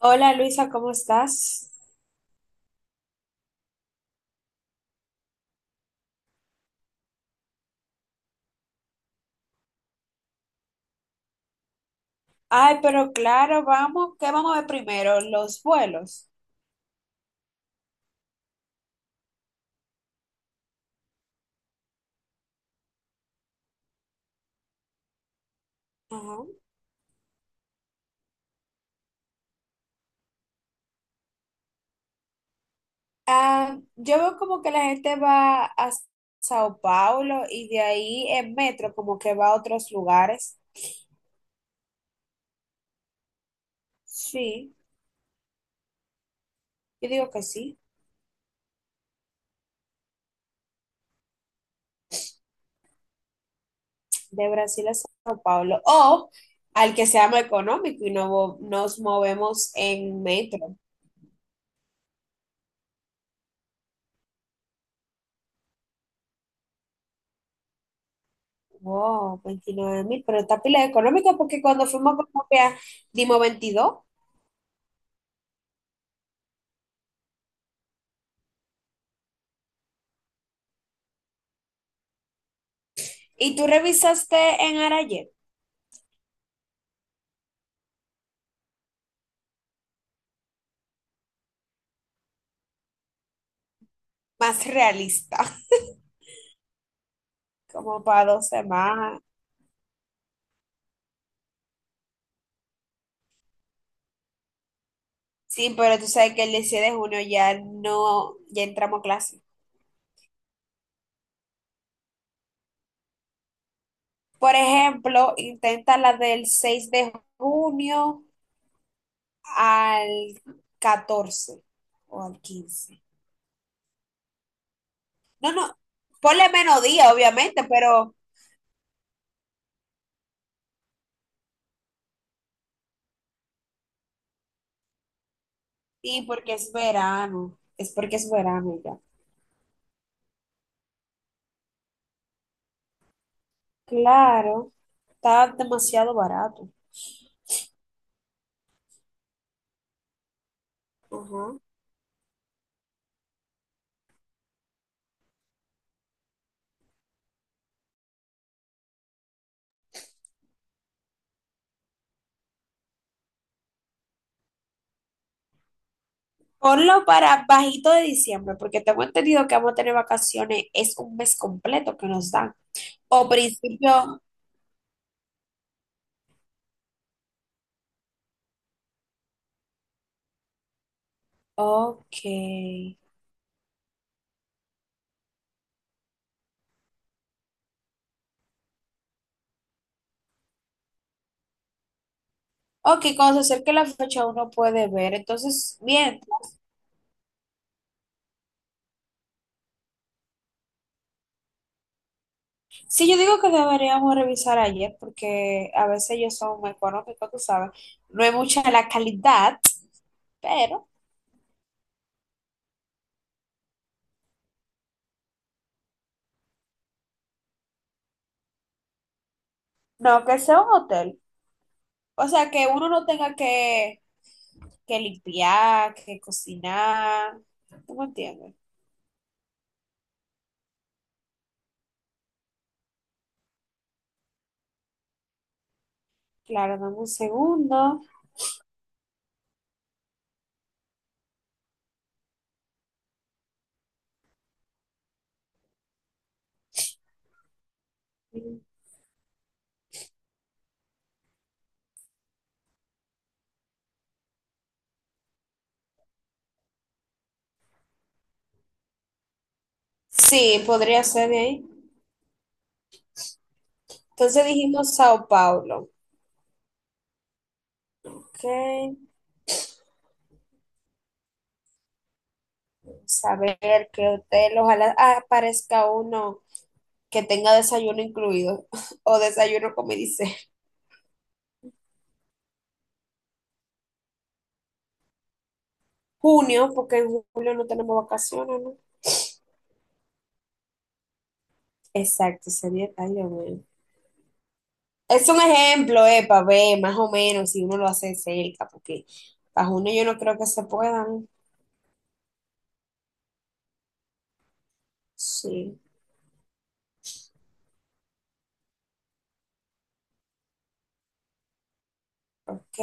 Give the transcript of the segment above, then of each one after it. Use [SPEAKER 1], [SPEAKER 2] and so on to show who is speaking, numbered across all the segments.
[SPEAKER 1] Hola Luisa, ¿cómo estás? Ay, pero claro, vamos, ¿qué vamos a ver primero? Los vuelos. Ajá. Ah, yo veo como que la gente va a Sao Paulo y de ahí en metro como que va a otros lugares. Sí, yo digo que sí, de Brasil a Sao Paulo. O al que sea más económico y no, nos movemos en metro. Wow, 29,000, pero está pila económica porque cuando fuimos como que dimos 22. ¿Y tú revisaste en Arayet? Más realista, como para 2 semanas. Sí, pero tú sabes que el 16 de junio ya no, ya entramos a clase. Por ejemplo, intenta la del 6 de junio al 14 o al 15. No, no, ponle menos día, obviamente, pero sí, porque es verano. Es porque es verano ya. Claro, está demasiado barato. Ajá. Ponlo para bajito de diciembre, porque tengo entendido que vamos a tener vacaciones, es un mes completo que nos dan. O principio, ok. Ok, cuando se acerque la fecha uno puede ver. Entonces, bien. Sí, yo digo que deberíamos revisar ayer, porque a veces ellos son económicos, tú sabes. No hay mucha la calidad, pero no, que sea un hotel. O sea, que uno no tenga que limpiar, que cocinar. ¿Tú me entiendes? Claro, dame un segundo. Sí, podría ser de ahí. Entonces dijimos Sao Paulo. Ok, saber a ver qué hotel. Ojalá aparezca uno que tenga desayuno incluido o desayuno, como dice. Junio, porque en julio no tenemos vacaciones, ¿no? Exacto, sería. Ay, Dios mío. Es un ejemplo, para ver más o menos si uno lo hace cerca, porque para junio yo no creo que se puedan. Sí, ok.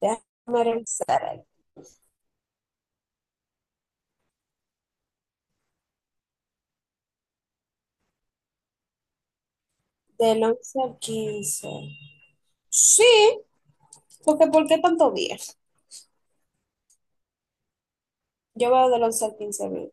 [SPEAKER 1] Déjame revisar. Del 11 al 15. Sí, porque, ¿por qué tanto días? Yo veo del 11 al 15 mil.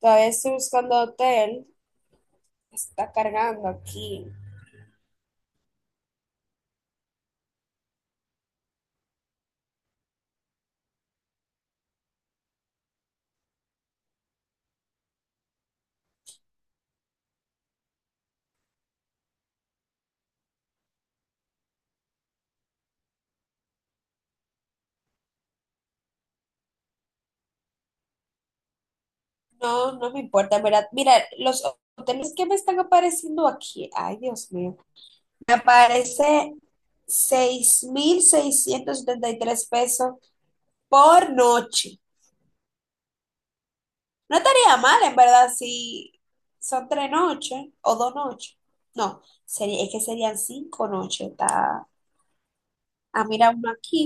[SPEAKER 1] Todavía estoy buscando hotel. Está cargando aquí. No, no me importa, ¿en verdad? Mira, los hoteles que me están apareciendo aquí. Ay, Dios mío. Me aparece 6,673 pesos por noche. No estaría mal, en verdad, si son 3 noches o 2 noches. No, sería, es que serían 5 noches. Está, ah mira uno aquí.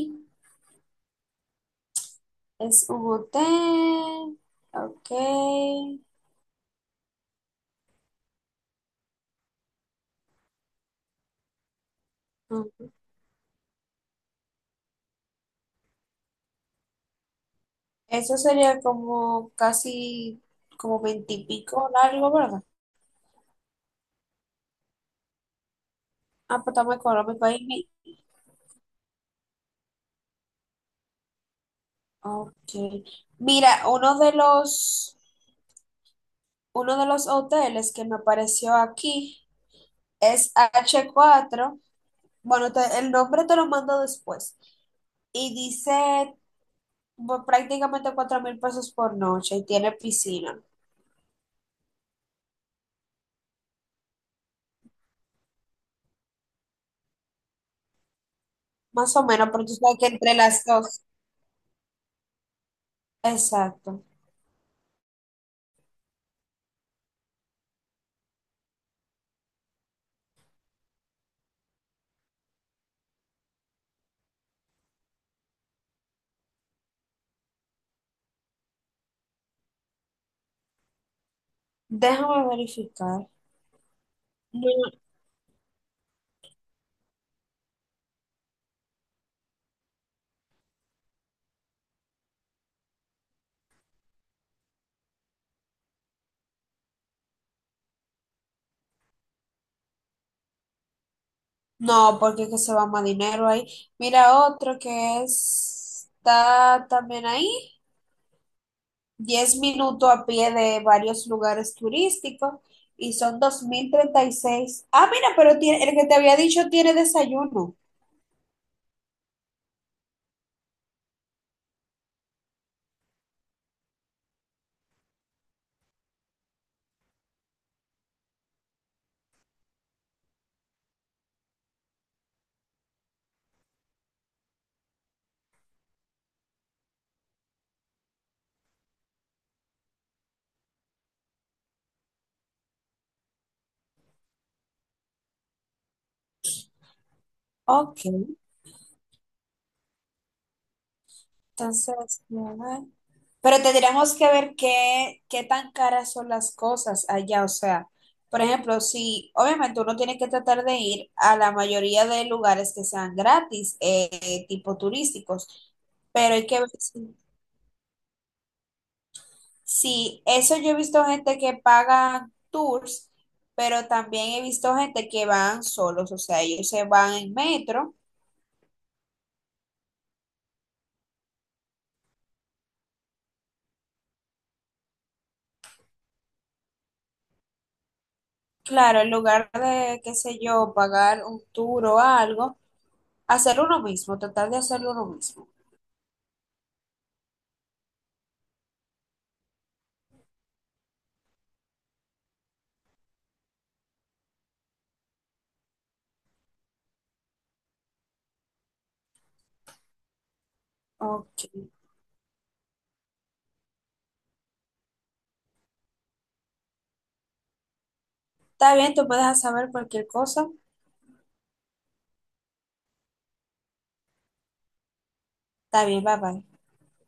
[SPEAKER 1] Es un hotel. Ok. Ujú. Eso sería como casi como veintipico largo, ¿verdad? Ah, pues está muy económico ahí. Ok. Mira, uno de los hoteles que me apareció aquí es h cuatro. Bueno, el nombre te lo mando después. Y dice prácticamente 4,000 pesos por noche y tiene piscina. Más o menos, porque tú sabes que entre las dos. Exacto. Déjame verificar. No, no, porque es que se va más dinero ahí. Mira otro que está también ahí. 10 minutos a pie de varios lugares turísticos y son 2,036. Ah, mira, pero tiene, el que te había dicho tiene desayuno. Ok, entonces, pero tendríamos que ver qué tan caras son las cosas allá. O sea, por ejemplo, si obviamente uno tiene que tratar de ir a la mayoría de lugares que sean gratis, tipo turísticos, pero hay que ver si, eso yo he visto gente que paga tours, pero también he visto gente que van solos, o sea, ellos se van en metro. Claro, en lugar de, qué sé yo, pagar un tour o algo, hacer uno mismo, tratar de hacerlo uno mismo. Ok. Está bien, tú puedes saber cualquier cosa. Está bien, bye bye.